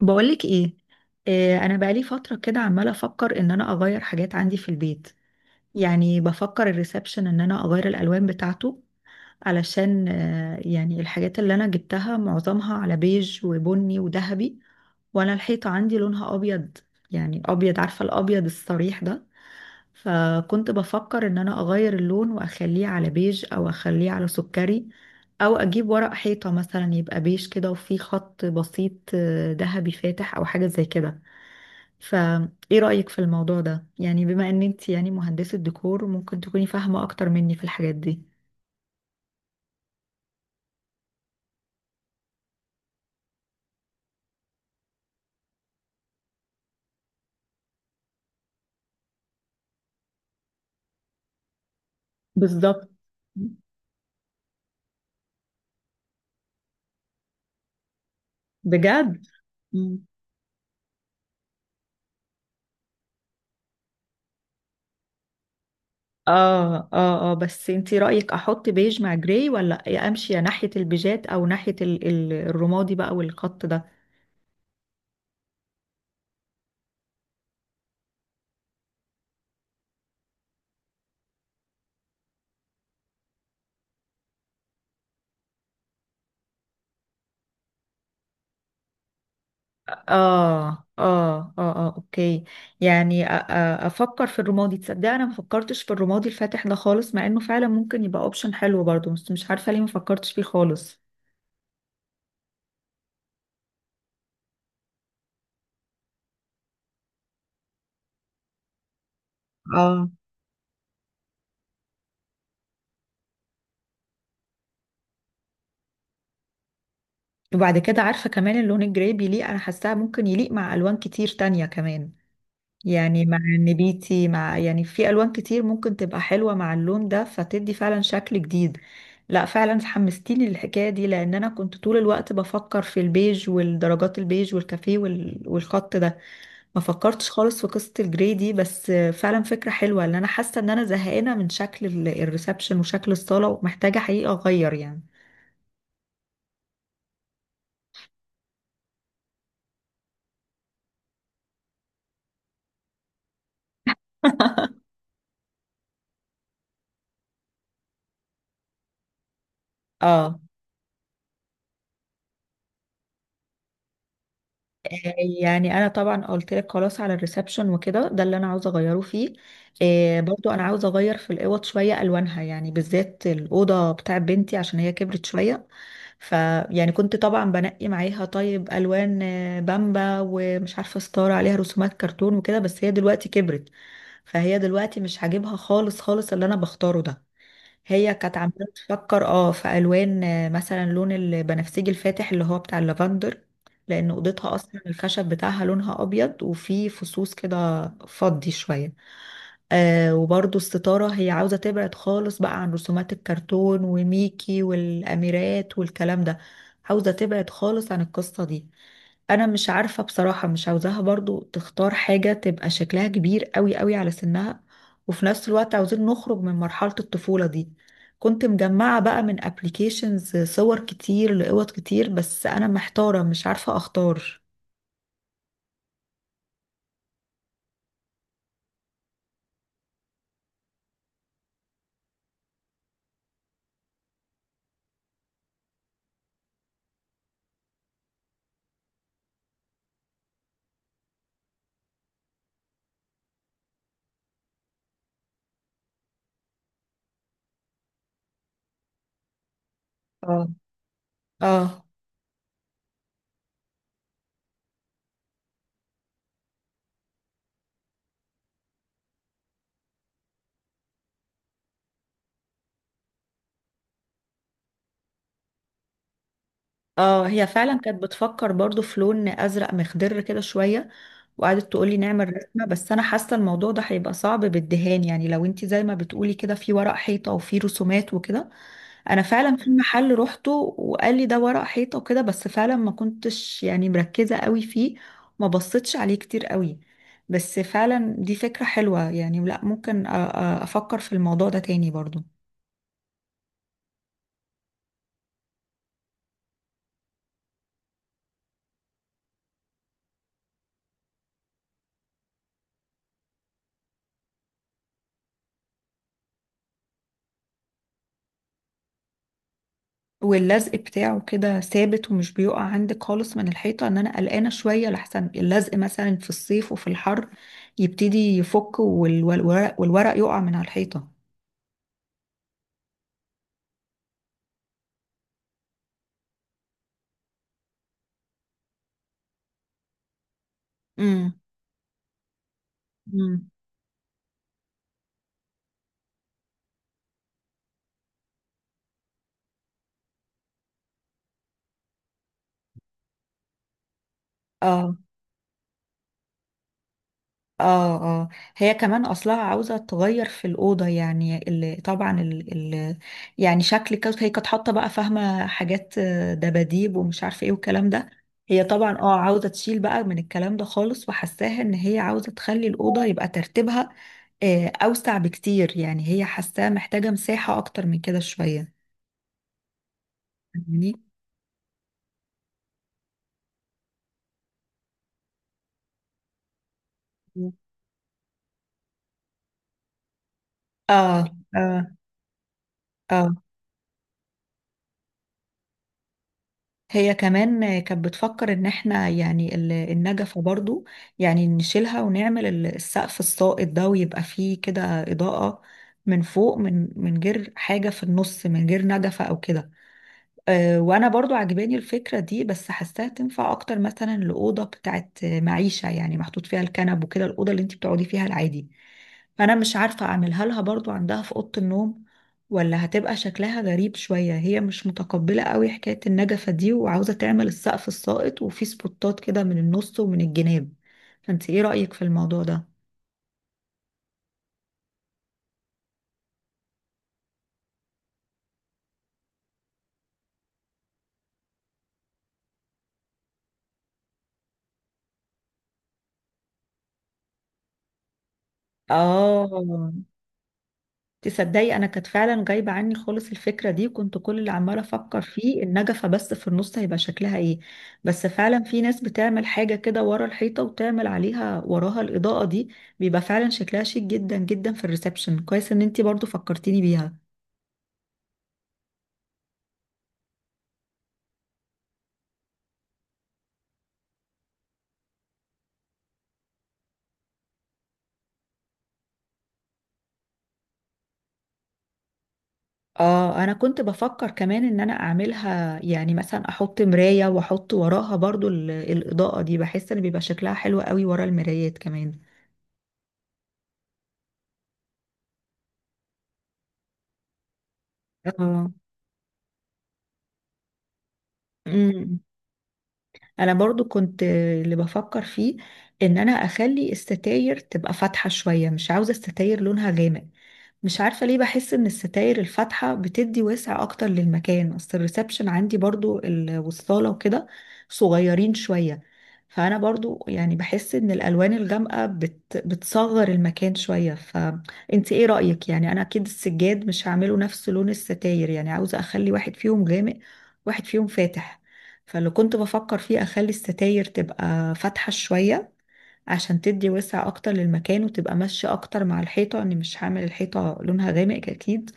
بقولك ايه؟ انا بقالي فتره كده عماله افكر ان انا اغير حاجات عندي في البيت. يعني بفكر الريسبشن ان انا اغير الالوان بتاعته، علشان يعني الحاجات اللي انا جبتها معظمها على بيج وبني وذهبي، وانا الحيطه عندي لونها ابيض. يعني ابيض، عارفه الابيض الصريح ده. فكنت بفكر ان انا اغير اللون واخليه على بيج او اخليه على سكري، او اجيب ورق حيطة مثلا يبقى بيج كده وفيه خط بسيط ذهبي فاتح او حاجة زي كده. فايه رأيك في الموضوع ده؟ يعني بما ان انت يعني مهندسة ديكور، ممكن تكوني فاهمة اكتر مني في الحاجات دي. بالظبط. بجد؟ مم. اه، اه، اه، بس انتي رأيك احط بيج مع جراي، ولا امشي يا ناحية البيجات او ناحية الرمادي بقى والخط ده؟ اه، اه، اه، اه، اوكي. يعني افكر في الرمادي. تصدق انا ما فكرتش في الرمادي الفاتح ده خالص، مع انه فعلا ممكن يبقى اوبشن حلو برضه، بس مش عارفه ليه ما فكرتش فيه خالص. اه. وبعد كده عارفه كمان اللون الجراي بيليق، انا حاساه ممكن يليق مع الوان كتير تانية كمان. يعني مع النبيتي، مع يعني في الوان كتير ممكن تبقى حلوه مع اللون ده، فتدي فعلا شكل جديد. لا فعلا حمستيني للحكايه دي، لان انا كنت طول الوقت بفكر في البيج والدرجات البيج والكافيه والخط ده. ما فكرتش خالص في قصه الجري دي، بس فعلا فكره حلوه، لان انا حاسه ان انا زهقانه من شكل الريسبشن وشكل الصاله، ومحتاجه حقيقه اغير يعني. اه. يعني انا طبعا قلت لك خلاص، على الريسبشن وكده ده اللي انا عاوزه اغيره فيه. إيه برضو انا عاوزه اغير في الاوض شويه الوانها، يعني بالذات الاوضه بتاع بنتي عشان هي كبرت شويه. فيعني كنت طبعا بنقي معاها طيب الوان بامبا، ومش عارفه ستاره عليها رسومات كرتون وكده، بس هي دلوقتي كبرت. فهي دلوقتي مش عاجبها خالص خالص اللي انا بختاره ده. هي كانت عماله تفكر في الوان مثلا لون البنفسجي الفاتح اللي هو بتاع اللافندر، لان اوضتها اصلا الخشب بتاعها لونها ابيض وفيه فصوص كده فضي شويه. وبرده الستاره هي عاوزه تبعد خالص بقى عن رسومات الكرتون وميكي والاميرات والكلام ده. عاوزه تبعد خالص عن القصه دي. انا مش عارفة بصراحة، مش عاوزاها برضو تختار حاجة تبقى شكلها كبير قوي قوي على سنها، وفي نفس الوقت عاوزين نخرج من مرحلة الطفولة دي. كنت مجمعة بقى من ابليكيشنز صور كتير لقوط كتير، بس انا محتارة مش عارفة اختار. اه، اه، اه. هي فعلا كانت بتفكر برضو في لون ازرق مخضر كده شوية، وقعدت تقولي نعمل رسمة، بس انا حاسة الموضوع ده هيبقى صعب بالدهان، يعني لو انت زي ما بتقولي كده في ورق حيطة وفي رسومات وكده. انا فعلا في محل روحته وقال لي ده ورق حيطه وكده، بس فعلا ما كنتش يعني مركزه قوي فيه، ما بصيتش عليه كتير قوي. بس فعلا دي فكره حلوه، يعني لا ممكن افكر في الموضوع ده تاني برضو. واللزق بتاعه كده ثابت ومش بيقع عندك خالص من الحيطه؟ ان انا قلقانه شويه لحسن اللزق مثلا في الصيف وفي الحر يبتدي يفك والورق، والورق يقع من على الحيطه. امم. امم. اه، اه، اه. هي كمان اصلها عاوزه تغير في الاوضه، يعني اللي طبعا ال ال يعني شكل كده هي كانت حاطه بقى، فاهمه حاجات دباديب ومش عارفه ايه والكلام ده. هي طبعا عاوزه تشيل بقى من الكلام ده خالص، وحساها ان هي عاوزه تخلي الاوضه يبقى ترتيبها اوسع بكتير، يعني هي حاساها محتاجه مساحه اكتر من كده شويه. فاهماني؟ اه، اه، اه. هي كمان كانت بتفكر ان احنا يعني النجفة برضو، يعني نشيلها ونعمل السقف الساقط ده ويبقى فيه كده إضاءة من فوق، من غير حاجة في النص، من غير نجفة او كده. أه وانا برضو عجباني الفكرة دي، بس حاساها تنفع اكتر مثلا لأوضة بتاعت معيشة، يعني محطوط فيها الكنب وكده، الأوضة اللي انت بتقعدي فيها العادي. فانا مش عارفة اعملها لها برضو عندها في اوضة النوم، ولا هتبقى شكلها غريب شوية. هي مش متقبلة قوي حكاية النجفة دي وعاوزة تعمل السقف الساقط وفيه سبوتات كده من النص ومن الجناب. فانت ايه رأيك في الموضوع ده؟ اه. تصدقي انا كانت فعلا جايبه عني خالص الفكره دي، وكنت كل اللي عماله افكر فيه النجفه بس في النص هيبقى شكلها ايه. بس فعلا في ناس بتعمل حاجه كده ورا الحيطه وتعمل عليها وراها الاضاءه دي، بيبقى فعلا شكلها شيك جدا جدا في الريسبشن. كويس ان انتي برضو فكرتيني بيها. اه. انا كنت بفكر كمان ان انا اعملها يعني مثلا احط مرايه واحط وراها برضو الاضاءه دي، بحس ان بيبقى شكلها حلو قوي ورا المرايات كمان. اه. انا برضو كنت اللي بفكر فيه ان انا اخلي الستاير تبقى فاتحة شوية، مش عاوزة الستاير لونها غامق. مش عارفة ليه بحس إن الستاير الفاتحة بتدي وسع أكتر للمكان، أصل الريسبشن عندي برضو والصالة وكده صغيرين شوية. فأنا برضو يعني بحس إن الألوان الغامقة بتصغر المكان شوية. فأنت إيه رأيك؟ يعني أنا أكيد السجاد مش هعمله نفس لون الستاير، يعني عاوزة أخلي واحد فيهم غامق واحد فيهم فاتح. فاللي كنت بفكر فيه أخلي الستاير تبقى فاتحة شوية عشان تدي وسع اكتر للمكان، وتبقى ماشية اكتر مع الحيطة، اني مش هعمل الحيطة لونها غامق اكيد.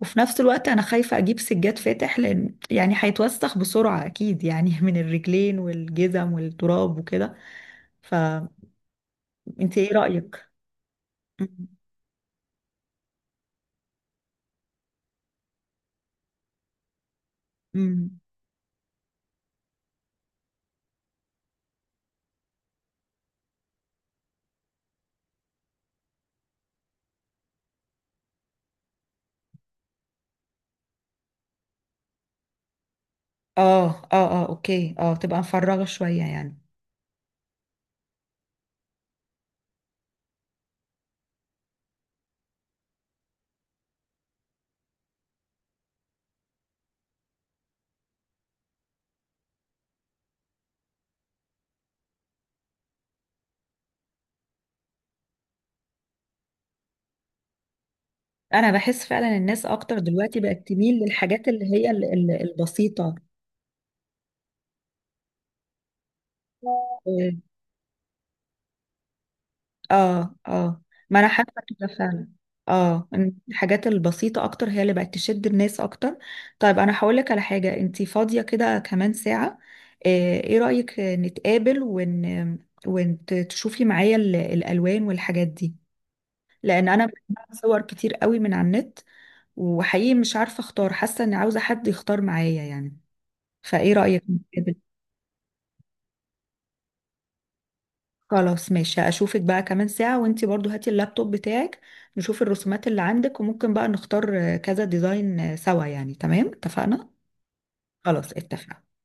وفي نفس الوقت انا خايفة اجيب سجاد فاتح، لان يعني هيتوسخ بسرعة اكيد يعني، من الرجلين والجزم والتراب وكده. فانت ايه رأيك؟ مم. مم. اه، اه، اه، اوكي. اه تبقى مفرغة شوية يعني. انا بحس فعلا الناس اكتر دلوقتي بقت تميل للحاجات اللي هي البسيطة. آه. اه، اه. ما انا حاسه كده فعلا. اه إن الحاجات البسيطه اكتر هي اللي بقت تشد الناس اكتر. طيب انا هقول لك على حاجه، انتي فاضيه كده كمان ساعه؟ آه، ايه رايك نتقابل وتشوفي معايا الالوان والحاجات دي، لان انا بجمع صور كتير قوي من على النت، وحقيقي مش عارفه اختار، حاسه اني عاوزه حد يختار معايا يعني. فايه رايك نتقابل؟ خلاص ماشي، اشوفك بقى كمان ساعة، وانتي برضو هاتي اللابتوب بتاعك نشوف الرسومات اللي عندك، وممكن بقى نختار كذا ديزاين سوا، يعني تمام اتفقنا. خلاص اتفقنا.